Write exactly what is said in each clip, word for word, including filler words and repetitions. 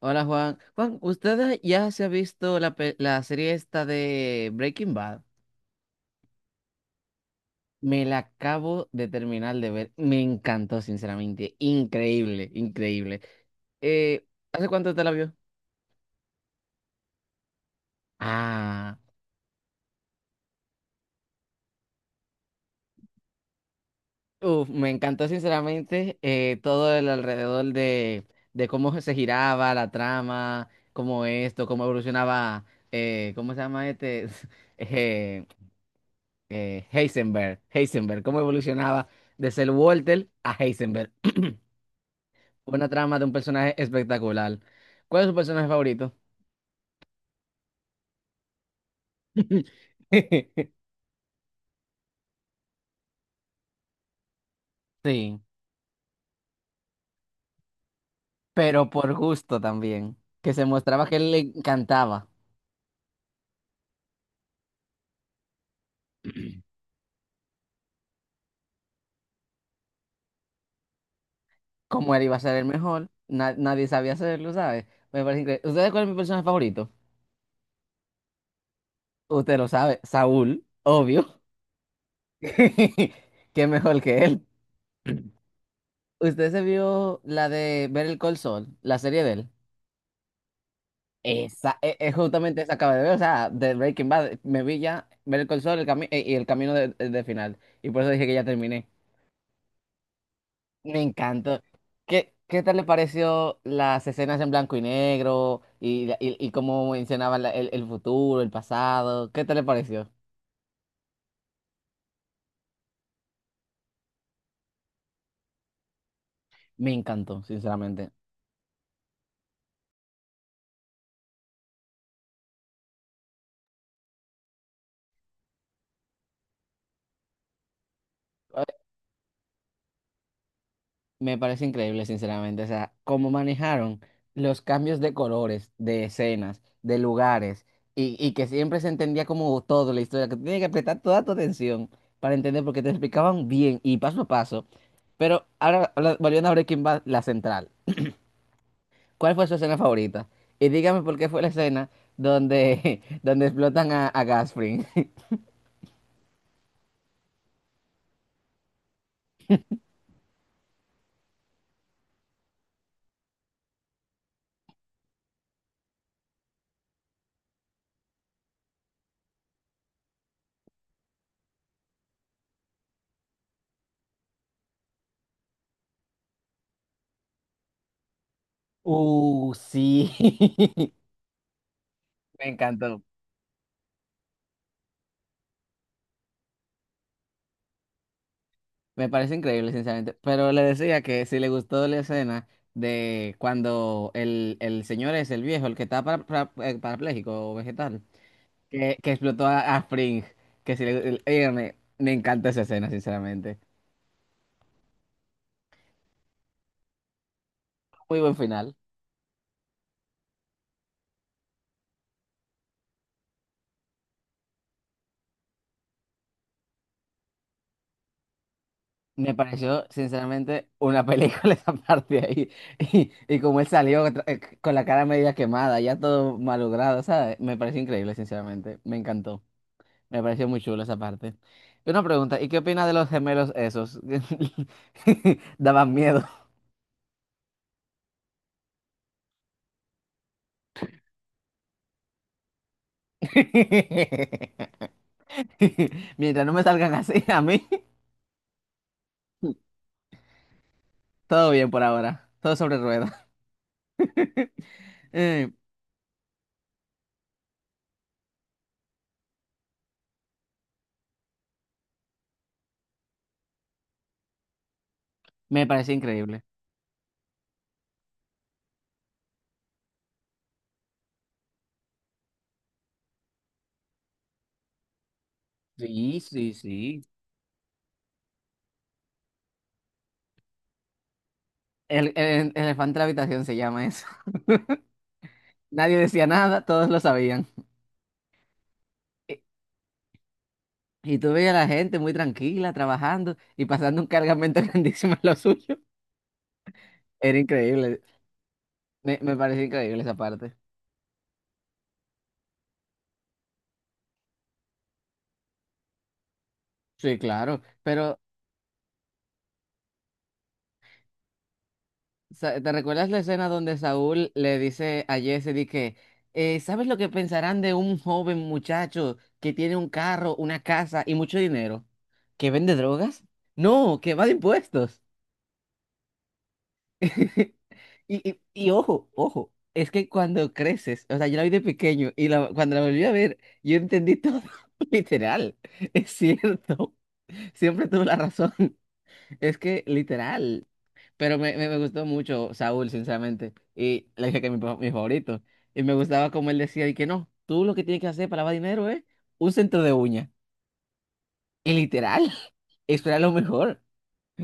Hola Juan. Juan, ¿usted ya se ha visto la, pe- la serie esta de Breaking Bad? Me la acabo de terminar de ver. Me encantó, sinceramente. Increíble, increíble. Eh, ¿hace cuánto te la vio? Ah, uf, Me encantó, sinceramente, eh, todo el alrededor de, de cómo se giraba la trama, cómo esto, cómo evolucionaba, eh, ¿cómo se llama este? Eh, eh, Heisenberg, Heisenberg, cómo evolucionaba de ser Walter a Heisenberg. Una trama de un personaje espectacular. ¿Cuál es su personaje favorito? Sí, pero por gusto también. Que se mostraba que él le encantaba. Como él iba a ser el mejor, na- nadie sabía hacerlo, ¿sabes? Me parece increíble. ¿Ustedes cuál es mi personaje favorito? Usted lo sabe, Saúl, obvio. ¿Qué mejor que él? ¿Usted se vio la de Ver el Call Saul, la serie de él? Esa, e- es, justamente esa acaba de ver, o sea, de Breaking Bad, me vi ya ver el console el cami- eh, y el camino de, eh, de final, y por eso dije que ya terminé. Me encantó. ¿Qué, qué tal le pareció las escenas en blanco y negro y, la- y, y cómo mencionaban la- el, el futuro, el pasado? ¿Qué tal le pareció? Me encantó, sinceramente. Me parece increíble, sinceramente. O sea, cómo manejaron los cambios de colores, de escenas, de lugares, y, y que siempre se entendía como todo la historia, que tú tenías que prestar toda tu atención para entender, porque te explicaban bien y paso a paso. Pero ahora, habla- volviendo a Breaking Bad, la central. ¿Cuál fue su escena favorita? Y dígame por qué fue la escena donde, donde explotan a, a Gasfring. Uh, sí. Me encantó. Me parece increíble, sinceramente. Pero le decía que si le gustó la escena de cuando el, el señor es el viejo, el que está para, para- eh, parapléjico o vegetal, que, que explotó a, a Fring, que si le, el- oye, me, me encanta esa escena, sinceramente. Muy buen final. Me pareció, sinceramente, una película esa parte ahí. Y, y como él salió tra- eh, con la cara media quemada, ya todo malogrado, ¿sabes? Me pareció increíble, sinceramente. Me encantó. Me pareció muy chulo esa parte. Y una pregunta, ¿y qué opinas de los gemelos esos? Daban miedo. Mientras no me salgan así a mí, todo bien por ahora. Todo sobre ruedas. Eh, Me pareció increíble. Sí, sí, sí. El, el, el elefante de la habitación se llama eso. Nadie decía nada, todos lo sabían. Y, y tú veías a la gente muy tranquila, trabajando y pasando un cargamento grandísimo en lo suyo. Era increíble. Me, me pareció increíble esa parte. Sí, claro, pero sa- ¿te recuerdas la escena donde Saúl le dice a Jesse de que eh, ¿sabes lo que pensarán de un joven muchacho que tiene un carro, una casa y mucho dinero? ¿Que vende drogas? No, que va de impuestos. Y, y, y ojo, ojo, es que cuando creces, o sea, yo la vi de pequeño y la- cuando la volví a ver, yo entendí todo, literal, es cierto, siempre tuve la razón. Es que literal, pero me, me, me gustó mucho Saúl, sinceramente, y le dije que mi, pa- mi favorito, y me gustaba como él decía, y que no, tú lo que tienes que hacer para lavar dinero es un centro de uña, y literal, eso era lo mejor,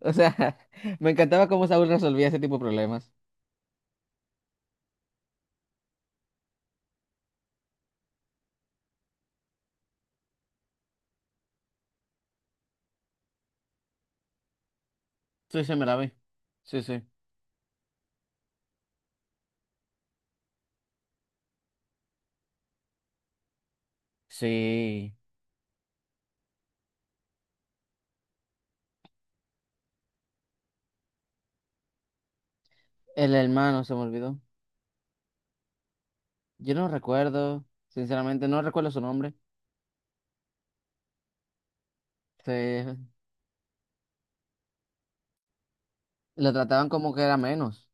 o sea, me encantaba cómo Saúl resolvía ese tipo de problemas. Sí, sí, me la vi, sí, sí. Sí, el hermano se me olvidó, yo no recuerdo, sinceramente, no recuerdo su nombre, se, lo trataban como que era menos.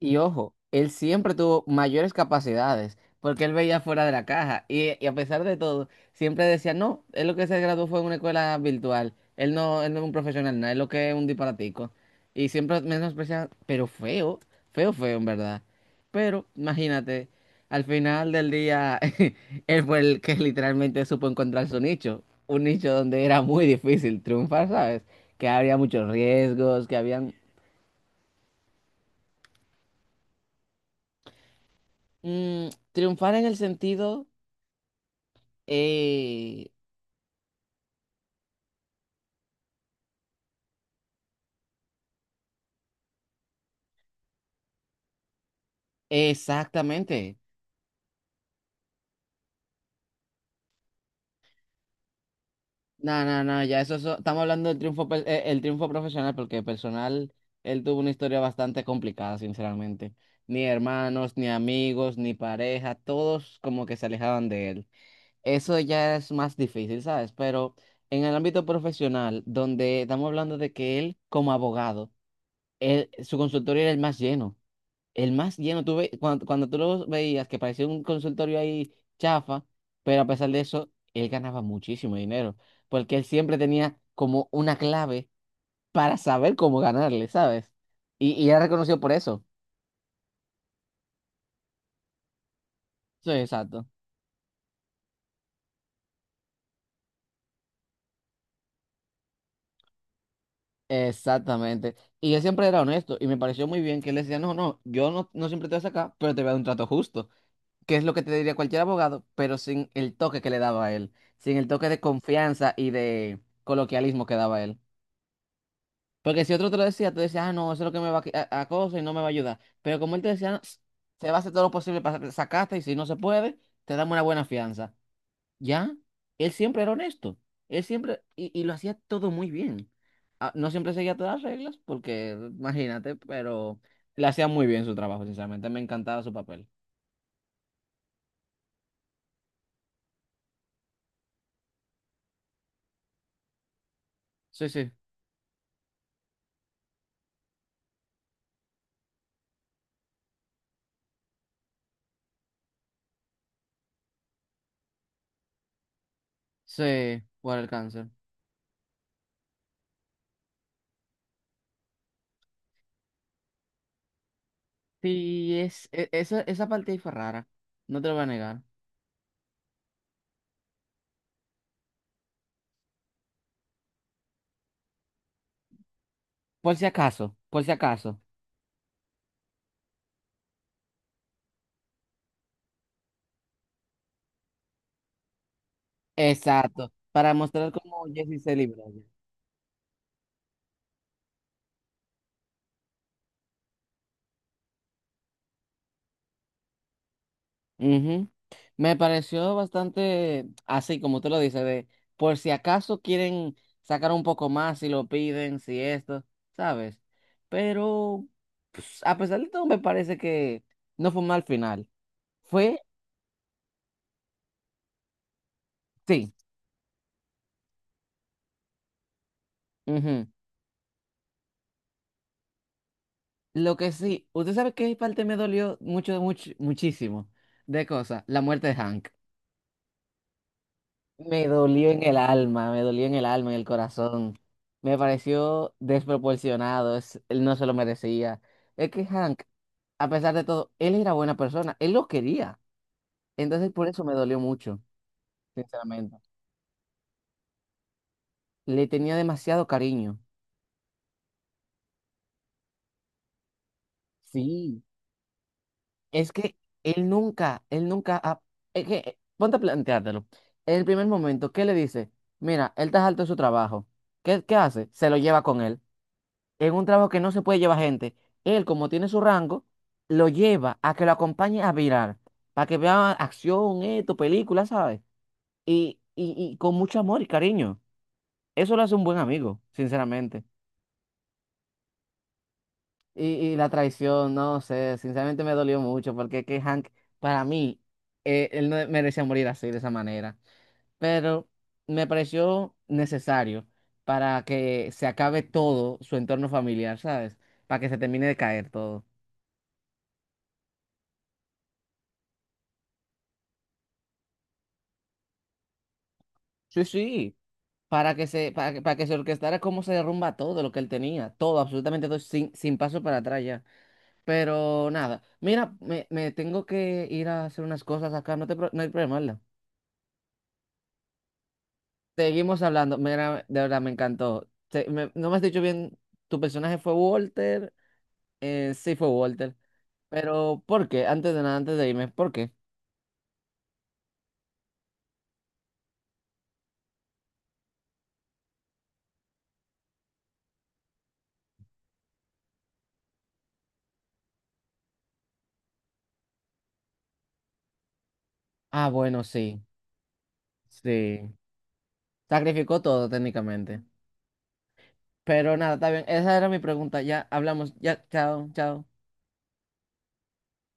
Y ojo, él siempre tuvo mayores capacidades porque él veía fuera de la caja y, y a pesar de todo, siempre decía, no, él lo que se graduó fue en una escuela virtual, él no, él no es un profesional, nada, él lo que es un disparatico. Y siempre menospreciaba, pero feo, feo, feo en verdad. Pero imagínate, al final del día, él fue el que literalmente supo encontrar su nicho, un nicho donde era muy difícil triunfar, ¿sabes? Que había muchos riesgos, que habían... mm, triunfar en el sentido. Eh, exactamente. No, no, no, ya eso, eso- estamos hablando del triunfo, pe- eh, el triunfo profesional, porque personal, él tuvo una historia bastante complicada, sinceramente. Ni hermanos, ni amigos, ni pareja, todos como que se alejaban de él. Eso ya es más difícil, ¿sabes? Pero en el ámbito profesional, donde estamos hablando de que él, como abogado, él, su consultorio era el más lleno. El más lleno, tú ve, cuando, cuando tú lo veías que parecía un consultorio ahí chafa, pero a pesar de eso, él ganaba muchísimo dinero, porque él siempre tenía como una clave para saber cómo ganarle, ¿sabes? Y, y era reconocido por eso. Sí, exacto. Exactamente. Y él siempre era honesto y me pareció muy bien que él decía, no, no, yo no, no siempre te voy a sacar, pero te voy a dar un trato justo, que es lo que te diría cualquier abogado, pero sin el toque que le daba a él, sin el toque de confianza y de coloquialismo que daba él. Porque si otro te lo decía, tú decías, ah, no, eso es lo que me va a, qui- a, a cosa y no me va a ayudar. Pero como él te decía, "No, se va a hacer todo lo posible para sacarte y si no se puede, te damos una buena fianza. ¿Ya? Él siempre era honesto. Él siempre, y, y lo hacía todo muy bien. Ah, no siempre seguía todas las reglas, porque imagínate, pero le hacía muy bien su trabajo, sinceramente. Me encantaba su papel. Sí, sí, sí, por el cáncer. Sí, es, e- esa, esa parte ahí fue rara. No te lo voy a negar. Por si acaso, por si acaso. Exacto, para mostrar cómo Jesse se libra. Ujú. Me pareció bastante así, como tú lo dices, de por si acaso quieren sacar un poco más, si lo piden, si esto, ¿sabes? Pero pues, a pesar de todo, me parece que no fue mal final. Fue, sí. Ujú. Lo que sí, usted sabe qué parte me dolió mucho, mucho, muchísimo de cosas, la muerte de Hank. Me dolió en el alma, me dolió en el alma, en el corazón. Me pareció desproporcionado, es- él no se lo merecía. Es que Hank, a pesar de todo, él era buena persona, él lo quería. Entonces por eso me dolió mucho, sinceramente. Le tenía demasiado cariño. Sí, es que él nunca, él nunca, ha- es que, eh, ponte a planteártelo. En el primer momento, ¿qué le dice? Mira, él está alto de su trabajo. ¿Qué, qué hace? Se lo lleva con él en un trabajo que no se puede llevar gente. Él, como tiene su rango, lo lleva a que lo acompañe a virar, para que vea acción, esto, películas, ¿sabes? Y, y, y con mucho amor y cariño. Eso lo hace un buen amigo, sinceramente. Y, y la traición, no sé, sinceramente me dolió mucho, porque es que Hank, para mí, eh, él no merecía morir así, de esa manera. Pero me pareció necesario para que se acabe todo su entorno familiar, ¿sabes? Para que se termine de caer todo. Sí, sí, para que se, para que, para que se orquestara cómo se derrumba todo lo que él tenía, todo, absolutamente todo, sin, sin paso para atrás ya. Pero nada, mira, me, me tengo que ir a hacer unas cosas acá, no te, pro- no hay problema, ¿verdad? Seguimos hablando, mira, de verdad me encantó. Se- me- no me has dicho bien, tu personaje fue Walter, eh, sí fue Walter, pero ¿por qué? Antes de nada, antes de irme, ¿por qué? Ah, bueno, sí, sí, sacrificó todo técnicamente. Pero nada, está bien, esa era mi pregunta, ya hablamos, ya, chao, chao.